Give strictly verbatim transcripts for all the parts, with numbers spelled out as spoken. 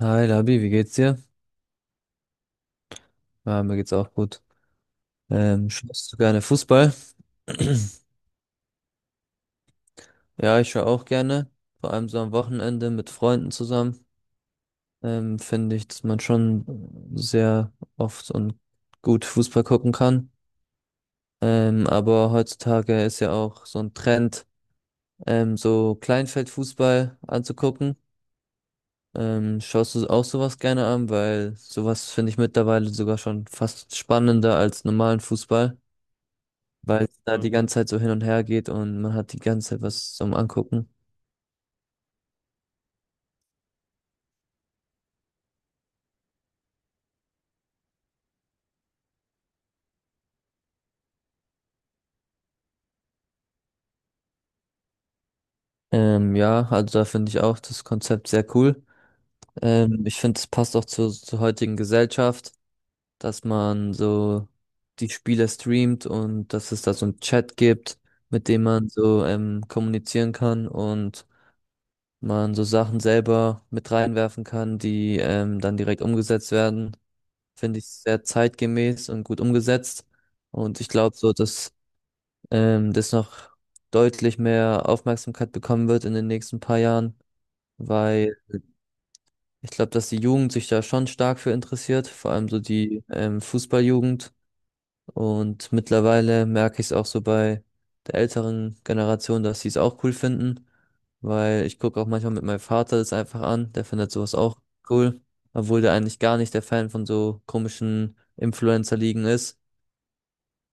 Hi Labi, wie geht's dir? Ja, mir geht's auch gut. Ähm, schaust du gerne Fußball? Ja, ich schaue auch gerne. Vor allem so am Wochenende mit Freunden zusammen. Ähm, finde ich, dass man schon sehr oft und gut Fußball gucken kann. Ähm, aber heutzutage ist ja auch so ein Trend, ähm, so Kleinfeldfußball anzugucken. Ähm, schaust du auch sowas gerne an? Weil sowas finde ich mittlerweile sogar schon fast spannender als normalen Fußball. Weil es da, ja, die ganze Zeit so hin und her geht und man hat die ganze Zeit was zum Angucken. Ähm, ja, also da finde ich auch das Konzept sehr cool. Ähm, ich finde, es passt auch zur, zur heutigen Gesellschaft, dass man so die Spiele streamt und dass es da so einen Chat gibt, mit dem man so ähm, kommunizieren kann und man so Sachen selber mit reinwerfen kann, die ähm, dann direkt umgesetzt werden. Finde ich sehr zeitgemäß und gut umgesetzt. Und ich glaube so, dass ähm, das noch deutlich mehr Aufmerksamkeit bekommen wird in den nächsten paar Jahren, weil ich glaube, dass die Jugend sich da schon stark für interessiert, vor allem so die ähm, Fußballjugend. Und mittlerweile merke ich es auch so bei der älteren Generation, dass sie es auch cool finden, weil ich gucke auch manchmal mit meinem Vater das einfach an, der findet sowas auch cool, obwohl der eigentlich gar nicht der Fan von so komischen Influencer-Ligen ist.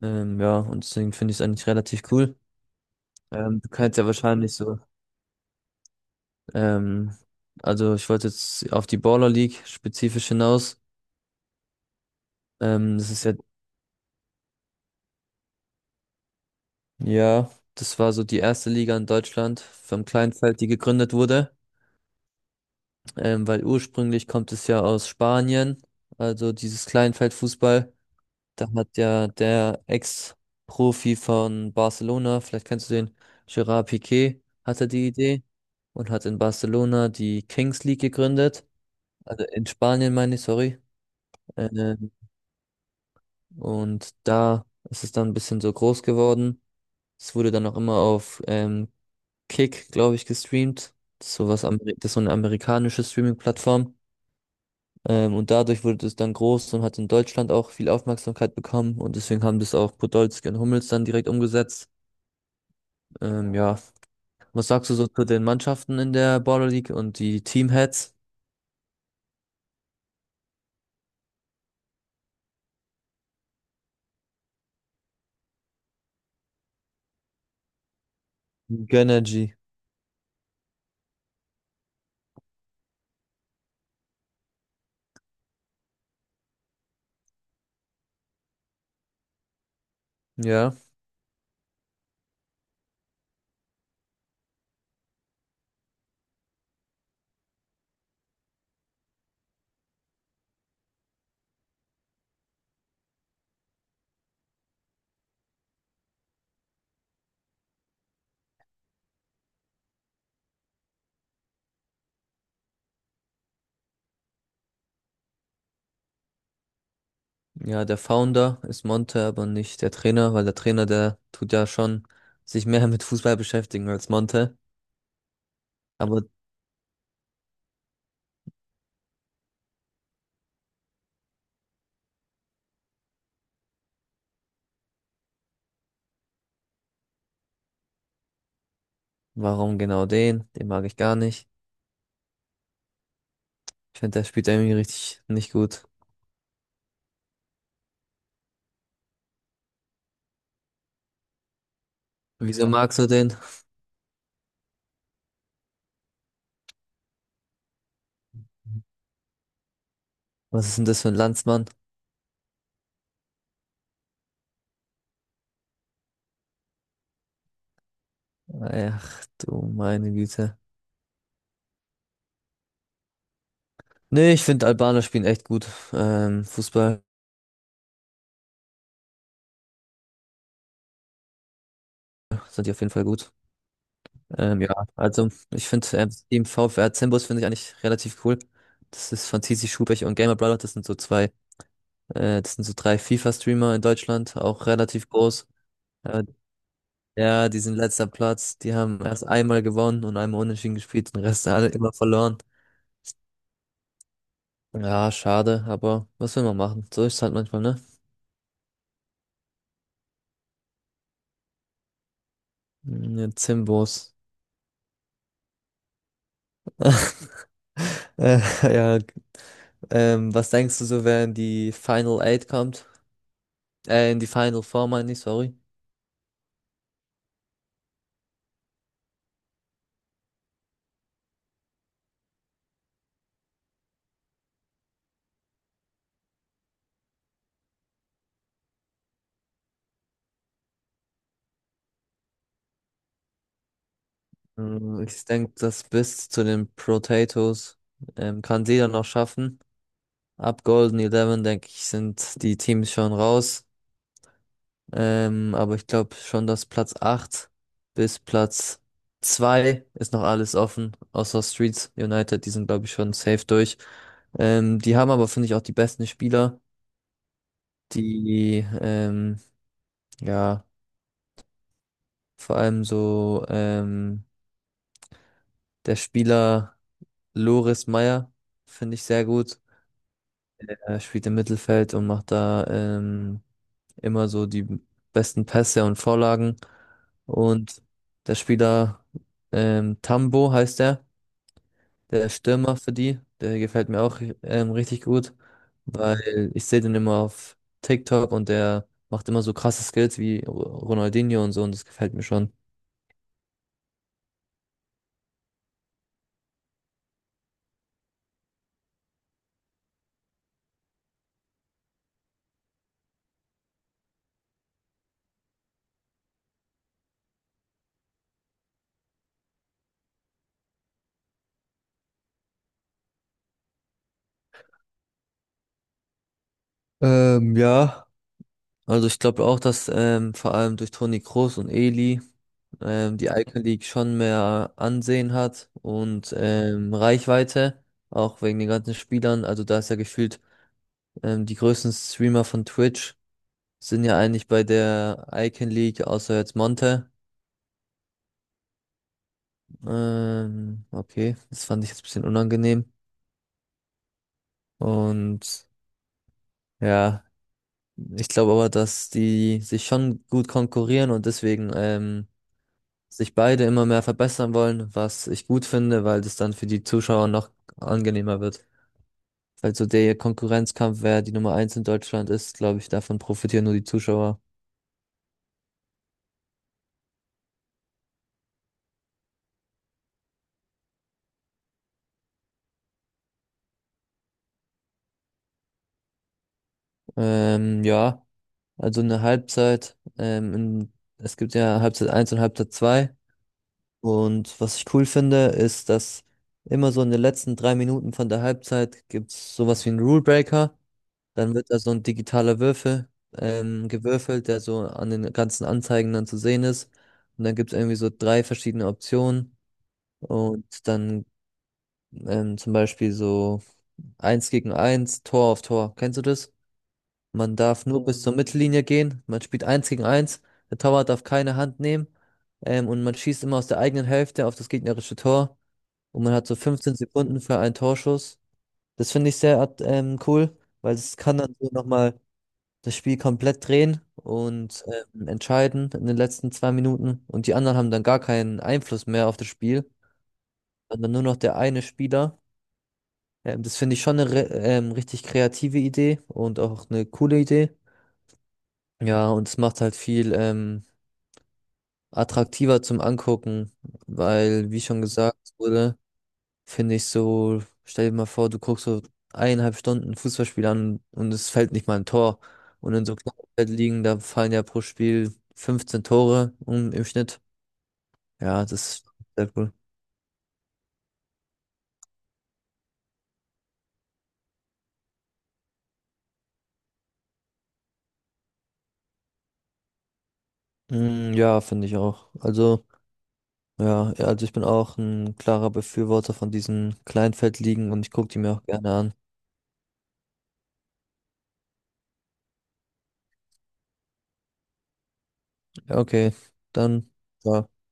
Ähm, ja, und deswegen finde ich es eigentlich relativ cool. Ähm, du kannst ja wahrscheinlich so. Ähm, also ich wollte jetzt auf die Baller League spezifisch hinaus. Ähm, das ist ja, ja, das war so die erste Liga in Deutschland vom Kleinfeld, die gegründet wurde. Ähm, weil ursprünglich kommt es ja aus Spanien, also dieses Kleinfeldfußball. Da hat ja der Ex-Profi von Barcelona, vielleicht kennst du den, Gerard Piqué, hatte die Idee und hat in Barcelona die Kings League gegründet. Also in Spanien meine ich, sorry. Äh, Und da ist es dann ein bisschen so groß geworden. Es wurde dann auch immer auf ähm, Kick, glaube ich, gestreamt. Das ist sowas, Ameri- das ist so eine amerikanische Streaming-Plattform. Ähm, und dadurch wurde es dann groß und hat in Deutschland auch viel Aufmerksamkeit bekommen. Und deswegen haben das auch Podolski und Hummels dann direkt umgesetzt. Ähm, ja, was sagst du so zu den Mannschaften in der Baller League und die Teamheads? Genergy. Ja. Ja, der Founder ist Monte, aber nicht der Trainer, weil der Trainer, der tut ja schon sich mehr mit Fußball beschäftigen als Monte. Aber warum genau den? Den mag ich gar nicht. Ich finde, der spielt irgendwie richtig nicht gut. Wieso magst du den? Was ist denn das für ein Landsmann? Ach du meine Güte. Nee, ich finde, Albaner spielen echt gut. Ähm, Fußball sind die auf jeden Fall gut. Ähm, ja, also ich finde, ähm, das Team VfR Zimbus finde ich eigentlich relativ cool. Das ist von T C Schubech und Gamer Brother. Das sind so zwei Äh, das sind so drei FIFA-Streamer in Deutschland, auch relativ groß. Äh, ja, die sind letzter Platz. Die haben erst einmal gewonnen und einmal unentschieden gespielt, den Rest alle immer verloren. Ja, schade, aber was will man machen? So ist es halt manchmal, ne? Ja, Zimbos. Äh, ja. Ähm, was denkst du so, wer in die Final Eight kommt? Äh, in die Final Four, meine ich, sorry. Ähm, Ich denke, das bis zu den Potatoes ähm, kann jeder noch schaffen. Ab Golden Eleven, denke ich, sind die Teams schon raus. Ähm, aber ich glaube schon, dass Platz acht bis Platz zwei ist noch alles offen, außer Streets United, die sind, glaube ich, schon safe durch. Ähm, die haben aber, finde ich, auch die besten Spieler, die, ähm, ja, vor allem so, ähm, der Spieler Loris Meyer, finde ich sehr gut. Er spielt im Mittelfeld und macht da ähm, immer so die besten Pässe und Vorlagen. Und der Spieler ähm, Tambo heißt er, der Stürmer für die, der gefällt mir auch ähm, richtig gut, weil ich sehe den immer auf TikTok und der macht immer so krasse Skills wie Ronaldinho und so und das gefällt mir schon. Ähm, ja. Also ich glaube auch, dass ähm, vor allem durch Toni Kroos und Eli ähm, die Icon League schon mehr Ansehen hat und ähm, Reichweite, auch wegen den ganzen Spielern. Also da ist ja gefühlt, ähm, die größten Streamer von Twitch sind ja eigentlich bei der Icon League, außer jetzt Monte. Ähm, okay, das fand ich jetzt ein bisschen unangenehm. Und ja, ich glaube aber, dass die sich schon gut konkurrieren und deswegen ähm, sich beide immer mehr verbessern wollen, was ich gut finde, weil das dann für die Zuschauer noch angenehmer wird. Weil so der Konkurrenzkampf, wer die Nummer eins in Deutschland ist, glaube ich, davon profitieren nur die Zuschauer. Ähm, ja, also eine Halbzeit, ähm, in, es gibt ja Halbzeit eins und Halbzeit zwei. Und was ich cool finde, ist, dass immer so in den letzten drei Minuten von der Halbzeit gibt's sowas wie einen Rule Breaker. Dann wird da so ein digitaler Würfel ähm, gewürfelt, der so an den ganzen Anzeigen dann zu sehen ist. Und dann gibt es irgendwie so drei verschiedene Optionen. Und dann ähm, zum Beispiel so eins gegen eins, Tor auf Tor. Kennst du das? Man darf nur bis zur Mittellinie gehen. Man spielt eins gegen eins. Der Torwart darf keine Hand nehmen. Ähm, und man schießt immer aus der eigenen Hälfte auf das gegnerische Tor. Und man hat so fünfzehn Sekunden für einen Torschuss. Das finde ich sehr at- ähm, cool, weil es kann dann so nochmal das Spiel komplett drehen und ähm, entscheiden in den letzten zwei Minuten und die anderen haben dann gar keinen Einfluss mehr auf das Spiel, sondern nur noch der eine Spieler. Ähm, das finde ich schon eine re- ähm, richtig kreative Idee und auch eine coole Idee. Ja, und es macht halt viel ähm, attraktiver zum Angucken, weil, wie schon gesagt wurde, finde ich so, stell dir mal vor, du guckst so eineinhalb Stunden ein Fußballspiel an und es fällt nicht mal ein Tor. Und in so kleinen liegen, da fallen ja pro Spiel fünfzehn Tore um, im Schnitt. Ja, das ist sehr cool. Mm, ja, finde ich auch. Also, ja, ja, also ich bin auch ein klarer Befürworter von diesen Kleinfeldligen und ich gucke die mir auch gerne an. Ja, okay, dann. Ciao.